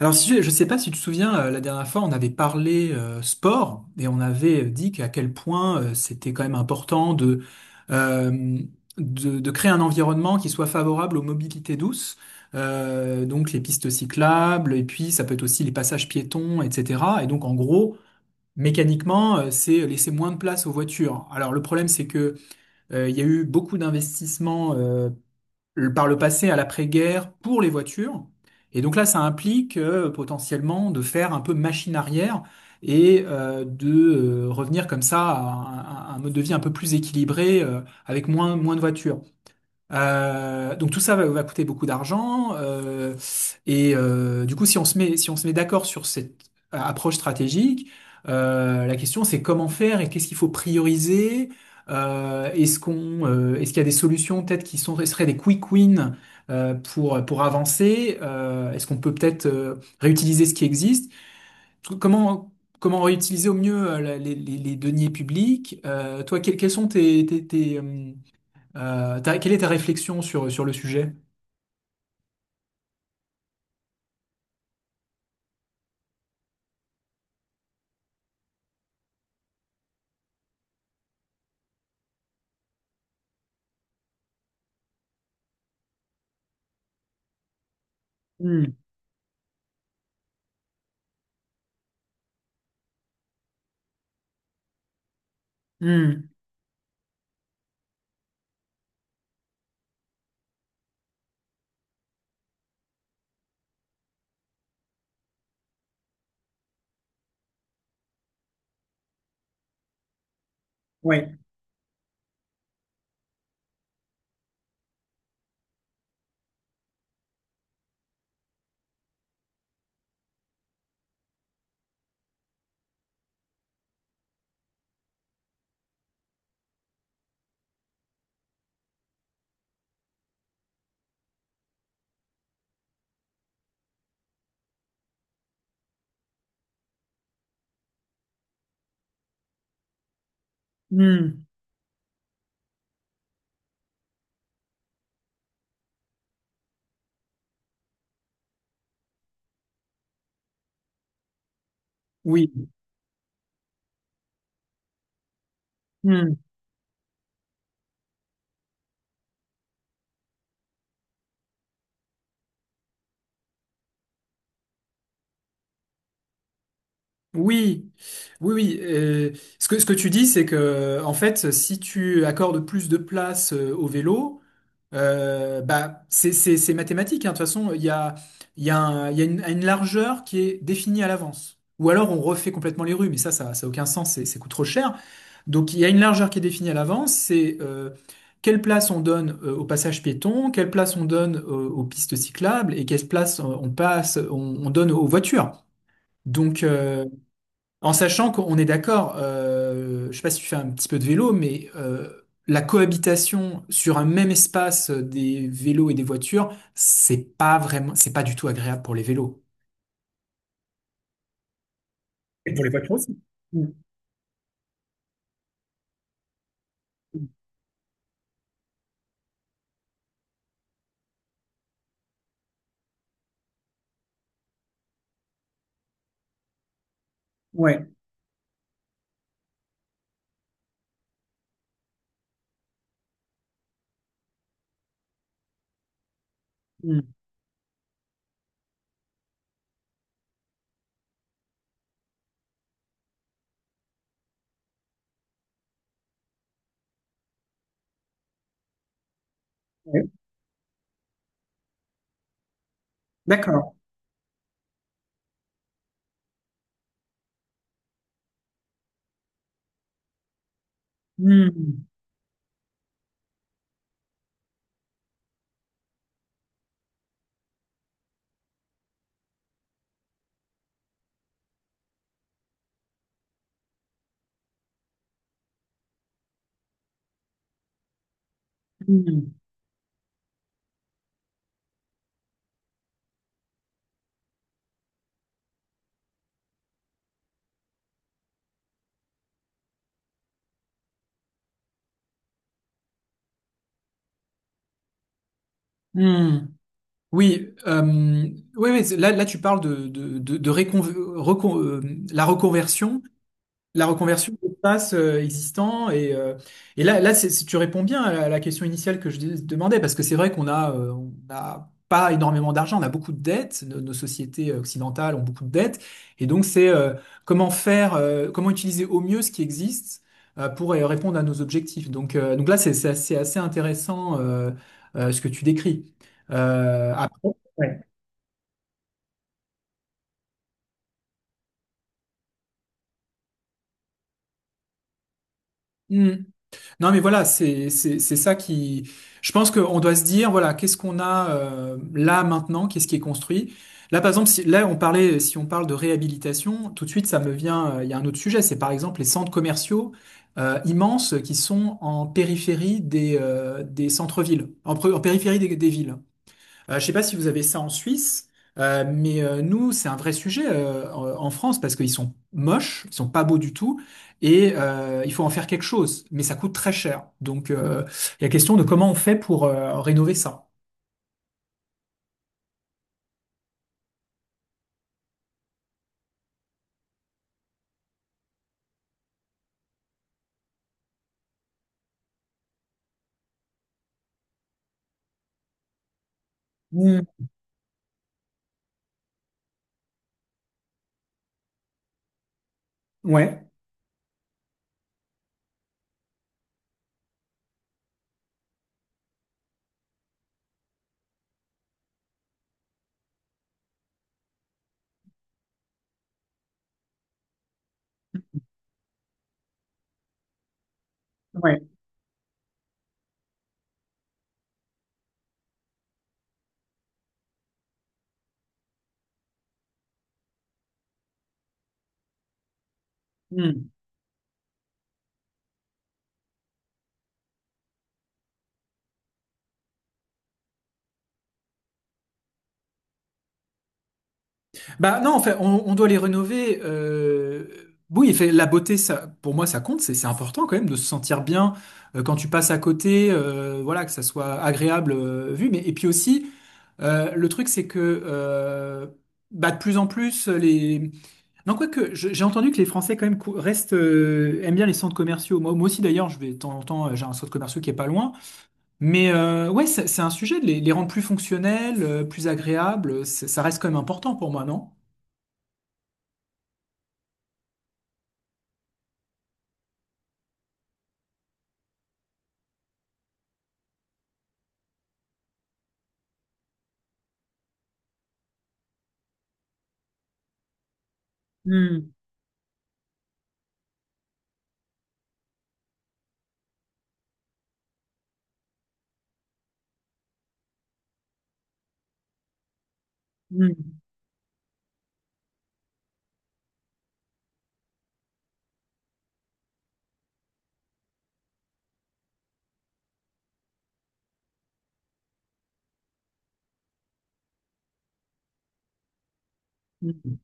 Alors, si tu- je ne sais pas si tu te souviens, la dernière fois, on avait parlé sport et on avait dit qu'à quel point c'était quand même important euh, de créer un environnement qui soit favorable aux mobilités douces, donc les pistes cyclables, et puis ça peut être aussi les passages piétons, etc. Et donc, en gros, mécaniquement, c'est laisser moins de place aux voitures. Alors, le problème, c'est que il y a eu beaucoup d'investissements par le passé à l'après-guerre pour les voitures. Et donc là, ça implique potentiellement de faire un peu machine arrière et de revenir comme ça à à un mode de vie un peu plus équilibré avec moins de voitures. Donc tout ça va coûter beaucoup d'argent et du coup si on se met d'accord sur cette approche stratégique, la question c'est comment faire et qu'est-ce qu'il faut prioriser. Est-ce qu'il y a des solutions peut-être qui sont seraient des quick wins pour avancer. Est-ce qu'on peut peut-être réutiliser ce qui existe? Tout- Comment comment réutiliser au mieux les deniers publics? Toi quels sont quelle est ta réflexion sur le sujet? Hmm. Hmm. Ouais. Hmm. Oui. Hmm. Oui, oui, oui. Ce que tu dis, c'est que, en fait, si tu accordes plus de place au vélo, bah, c'est mathématique, hein. De toute façon, il y a une largeur qui est définie à l'avance. Ou alors on refait complètement les rues, mais ça a aucun sens, ça coûte trop cher. Donc il y a une largeur qui est définie à l'avance, c'est quelle place on donne au passage piéton, quelle place on donne aux pistes cyclables et quelle place on donne aux voitures. Donc euh, En sachant qu'on est d'accord, je sais pas si tu fais un petit peu de vélo, mais la cohabitation sur un même espace des vélos et des voitures, c'est pas du tout agréable pour les vélos. Et pour les voitures aussi. Mm. Ouais. Mm. Ouais. D'accord. Mm. Mm. Mm. Oui, ouais, là tu parles de, de, de, de récon- recon- euh, la reconversion. La reconversion d'espace existant et là, tu réponds bien à la question initiale que demandais parce que c'est vrai qu'on a, on n'a pas énormément d'argent, on a beaucoup de dettes, nos sociétés occidentales ont beaucoup de dettes et donc c'est comment faire, comment utiliser au mieux ce qui existe pour répondre à nos objectifs. Donc là c'est assez intéressant ce que tu décris. Après, ouais. Hmm. Non, mais voilà, c'est ça qui. Je pense qu'on doit se dire, voilà, qu'est-ce qu'on a là maintenant, qu'est-ce qui est construit. Là, par exemple, si on parle de réhabilitation, tout de suite ça me vient. Euh, il y a un autre sujet, c'est par exemple les centres commerciaux immenses qui sont en périphérie des centres-villes, en périphérie des villes. Je sais pas si vous avez ça en Suisse, mais nous, c'est un vrai sujet en France parce qu'ils sont moches, ils sont pas beaux du tout, et il faut en faire quelque chose, mais ça coûte très cher. Donc, il y a question de comment on fait pour rénover ça. Mm. Ouais, ouais. Mm. Bah non, en fait, on doit les rénover. Oui, fait, la beauté, ça, pour moi, ça compte. C'est important quand même de se sentir bien quand tu passes à côté, voilà, que ça soit agréable vu. Mais et puis aussi, le truc, c'est que euh, bah, de plus en plus les. Non, quoique, j'ai entendu que les Français quand même restent aiment bien les centres commerciaux. Moi aussi d'ailleurs, je vais de temps en temps, j'ai un centre commercial qui est pas loin. Mais ouais, c'est un sujet de les rendre plus fonctionnels, plus agréables. Ça reste quand même important pour moi, non? Mm, mm.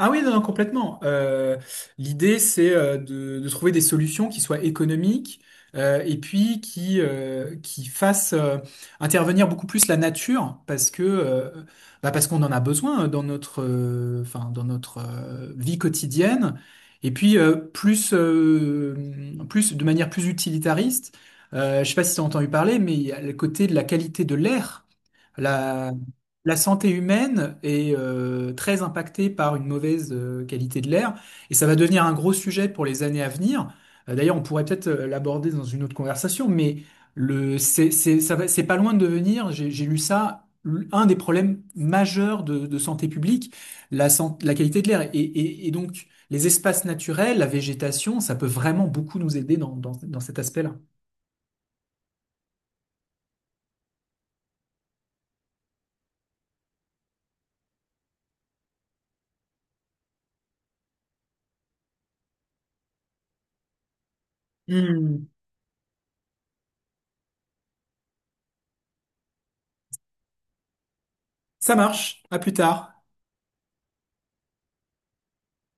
Ah oui, non, non, complètement. L'idée, c'est de trouver des solutions qui soient économiques et puis qui fassent intervenir beaucoup plus la nature parce que bah, parce qu'on en a besoin dans dans notre vie quotidienne. Et puis plus de manière plus utilitariste, je sais pas si tu as entendu parler, mais il y a le côté de la qualité de l'air. La, la santé humaine est très impactée par une mauvaise qualité de l'air et ça va devenir un gros sujet pour les années à venir. D'ailleurs, on pourrait peut-être l'aborder dans une autre conversation, mais le, c'est, ça va- c'est pas loin de devenir, j'ai lu ça, un des problèmes majeurs de santé publique, la qualité de l'air. Et, et donc, les espaces naturels, la végétation, ça peut vraiment beaucoup nous aider dans dans cet aspect-là. Hmm. Ça marche, à plus tard.